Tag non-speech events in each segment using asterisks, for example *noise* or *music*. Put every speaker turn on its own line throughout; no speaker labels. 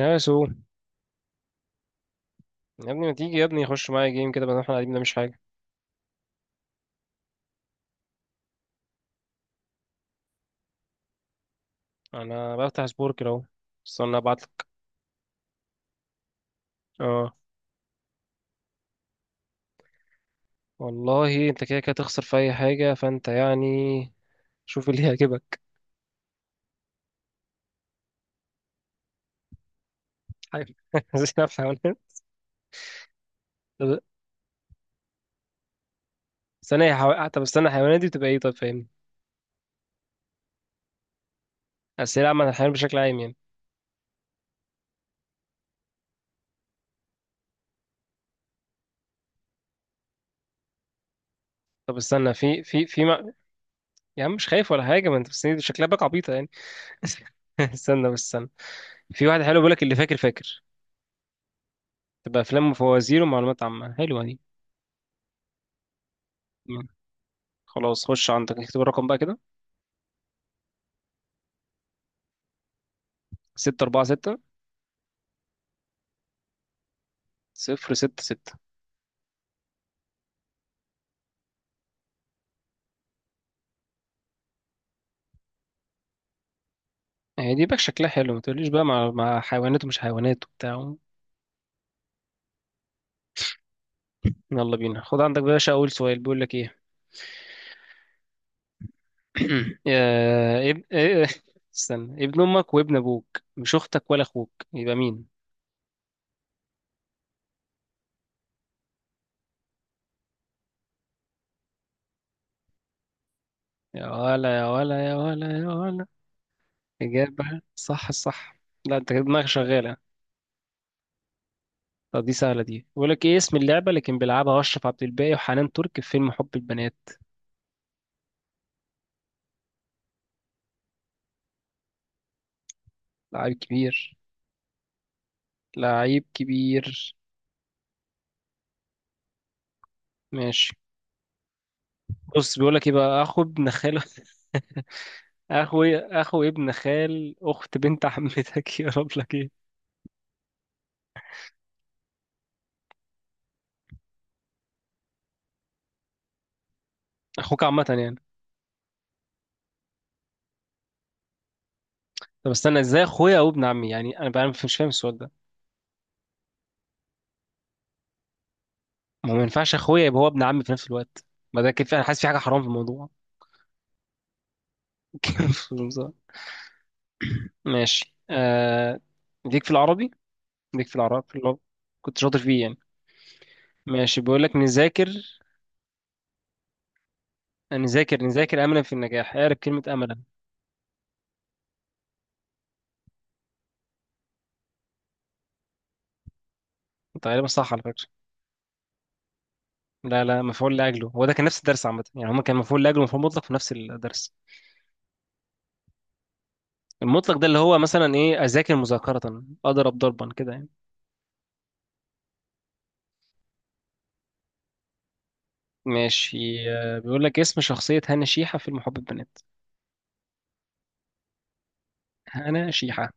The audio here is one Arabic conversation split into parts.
يا سو، يا ابني ما تيجي؟ يا ابني خش معايا جيم كده بدل ما احنا قاعدين مش حاجه. انا بفتح سبور كده اهو. استنى ابعتلك. اه والله انت كده كده تخسر في اي حاجه فانت يعني. شوف اللي هيعجبك. حاجه *laughs* اسئله في حيوانات. طب استنى يا حيوان، طب استنى الحيوانات دي بتبقى ايه؟ طيب فاهمني، اسئله عامه عن الحيوان بشكل عام يعني. طب استنى، في في في ما... يا عم مش خايف ولا حاجه، ما انت بس دي شكلها باك عبيطه يعني. *laughs* استنى بس استنى. في واحد حلو بيقول لك اللي فاكر فاكر. تبقى افلام وفوازير ومعلومات عامه حلوه دي. خلاص خش عندك اكتب الرقم بقى كده: 646066. هي دي باك شكلها حلو، ما تقوليش بقى مع حيوانات ومش حيوانات وبتاع. يلا بينا، خد عندك بقى يا باشا. أول سؤال بيقول لك إيه؟ *clears throat* إيه. استنى، ابن أمك وابن أبوك مش أختك ولا أخوك يبقى مين؟ يا ولا يا ولا يا ولا يا ولا! إجابة صح الصح. لا أنت كده دماغك شغالة. طب دي سهلة، دي بيقول لك إيه اسم اللعبة اللي كان بيلعبها أشرف عبد الباقي وحنان ترك في فيلم حب البنات؟ لعيب كبير، لعيب كبير. ماشي. بص، بيقول لك ايه بقى: اخو ابن خال *laughs* اخوي، اخو ابن خال اخت بنت عمتك *laughs* يا رب لك ايه. اخوك عامة يعني. طب استنى، ازاي اخويا او ابن عمي؟ يعني انا بقى مش فاهم السؤال ده. ما هو ما ينفعش اخويا يبقى هو ابن عمي في نفس الوقت. ما ده كده انا حاسس في حاجة حرام في الموضوع. *laughs* ماشي. ليك في العربي، ليك في العربي في العربي. كنت شاطر فيه يعني. ماشي بيقول لك: نذاكر نذاكر نذاكر املا في النجاح. اعرف كلمة املا. طيب، تقريبا صح على فكرة. لا لا، مفعول لاجله هو ده كان، نفس الدرس عامه يعني، هما كان مفعول لاجله ومفعول مطلق في نفس الدرس. المطلق ده اللي هو مثلا ايه؟ اذاكر مذاكره، اضرب ضربا، كده يعني. ماشي. بيقول لك اسم شخصيه هنا شيحه في المحب البنات. هنا شيحه.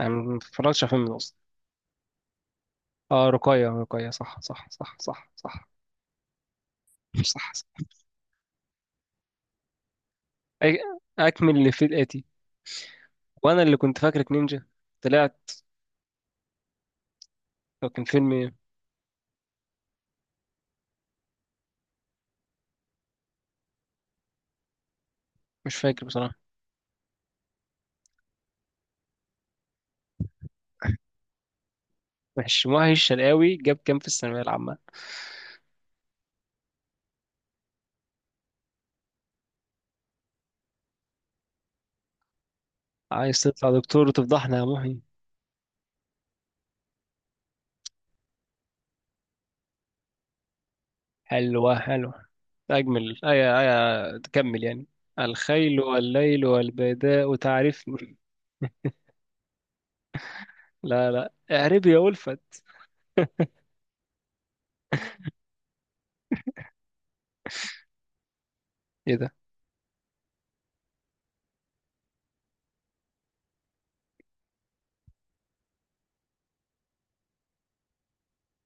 انا ما اتفرجتش على فيلم ده اصلا. اه رقيه، رقيه، صح صح صح صح. صح، صح. صح. اكمل اللي في الاتي. وانا اللي كنت فاكرك نينجا طلعت. هو كان فيلم إيه؟ مش فاكر بصراحه. ماشي. محي الشرقاوي جاب كام في الثانويه العامه؟ عايز تطلع دكتور وتفضحنا يا محي. حلوة حلوة. أجمل أي، أي تكمل يعني. الخيل والليل والبيداء تعرفني. لا لا، اعربي يا ألفت. إيه ده.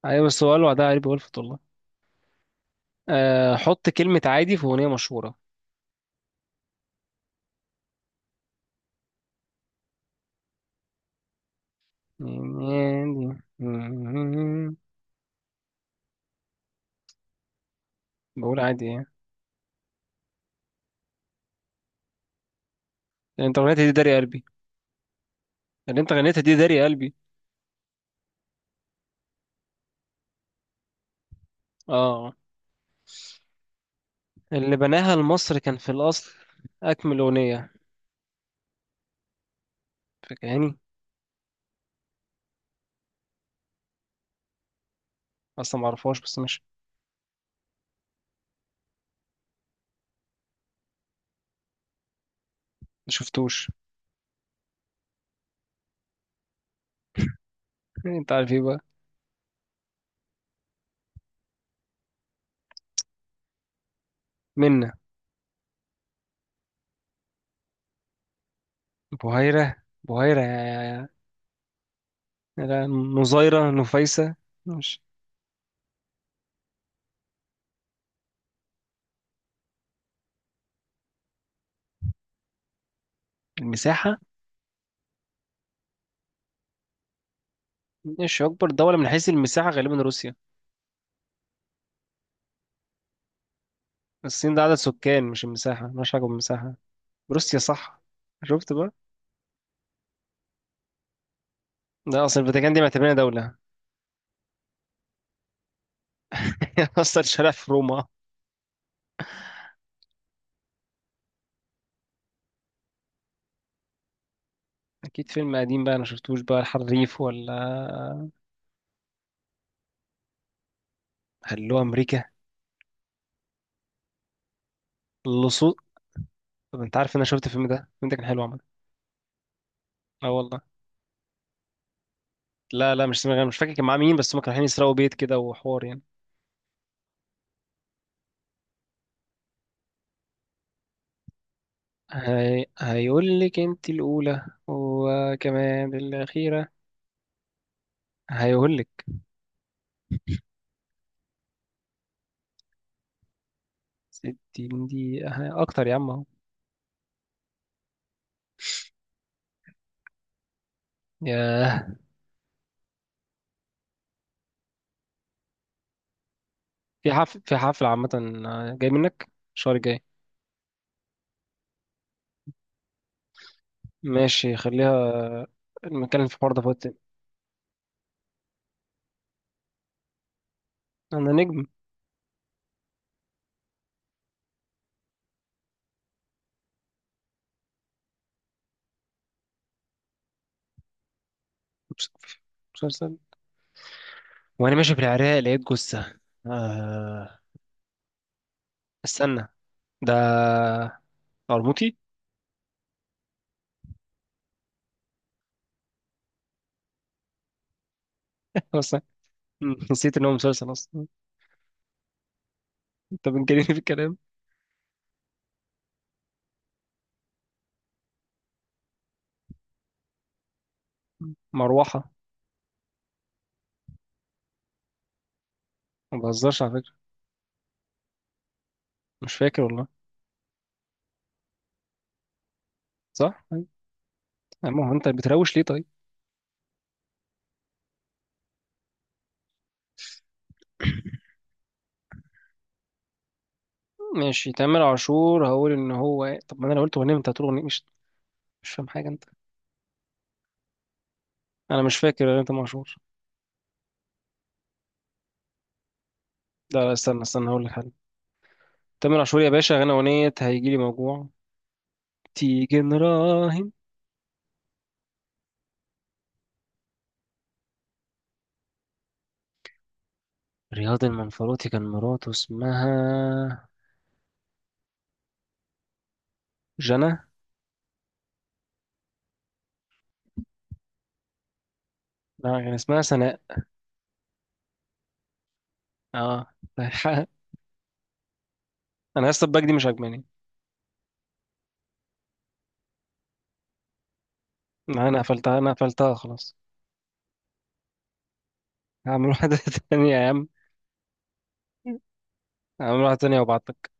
أيوة بس هو قالوا ده اعربي يا ألفت والله. أه، حط كلمة عادي في أغنية مشهورة. بقول عادي يعني. اللي أنت غنيتها دي داري قلبي، اللي أنت غنيتها دي داري قلبي. آه. اللي بناها لمصر كان في الأصل. أكمل أغنية. فاكراني. أصلا معرفهاش بس مش. مشفتوش. أنت عارف إيه بقى؟ منا. بهيرة، بهيرة يا- نظيرة نفيسة. مش المساحة. مش أكبر دولة من حيث المساحة غالبا روسيا؟ الصين ده عدد سكان مش المساحة، مالهاش علاقة بالمساحة. روسيا صح. شفت بقى. ده أصل الفاتيكان دي معتبرينها دولة. *laughs* أصلا شارع في روما. أكيد فيلم قديم بقى، أنا شفتوش بقى الحريف ولا؟ هلو أمريكا. اللصوص. طب أنت عارف إن أنا شفت الفيلم ده كان حلو عامة. اه والله. لا لا، مش سامع، مش فاكر كان معاه مين، بس هما كانوا رايحين يسرقوا بيت كده وحوار يعني. هيقول لك انت الاولى وكمان الاخيره. هيقول لك 60 دقيقه اكتر يا عم اهو. ياه. في حفله عامه. جاي منك، الشهر الجاي. ماشي خليها، نتكلم في الحوار ده في وقت تاني. انا نجم. مس- مسلسل. وانا ماشي في العراق لقيت جثه. آه... استنى، ده قرموطي. *laughs* اصلا نسيت ان هو مسلسل اصلا. انت بتجنني في الكلام. مروحه. ما بهزرش على فكره. مش فاكر والله. صح أيوة. ما هو انت بتروش ليه طيب؟ *clears throat* ماشي تامر عاشور هقول ان هو إيه؟ طب ما انا لو قلت اغنيه انت هتقول اغنيه، مش فاهم حاجه انت. انا مش فاكر اغنيه تامر عاشور. لا لا، استنى استنى، هقول لك حاجه. تامر عاشور يا باشا غنى اغنيه هيجيلي موجوع. تيجي نراهن. رياض المنفلوطي كان مراته اسمها جنى. لا كان اسمها سناء. اه. *laughs* انا لسه الباك دي مش عاجباني. انا قفلتها خلاص. هعمل واحده *laughs* تانية يا عم. هعمل واحده تانية وابعتلك.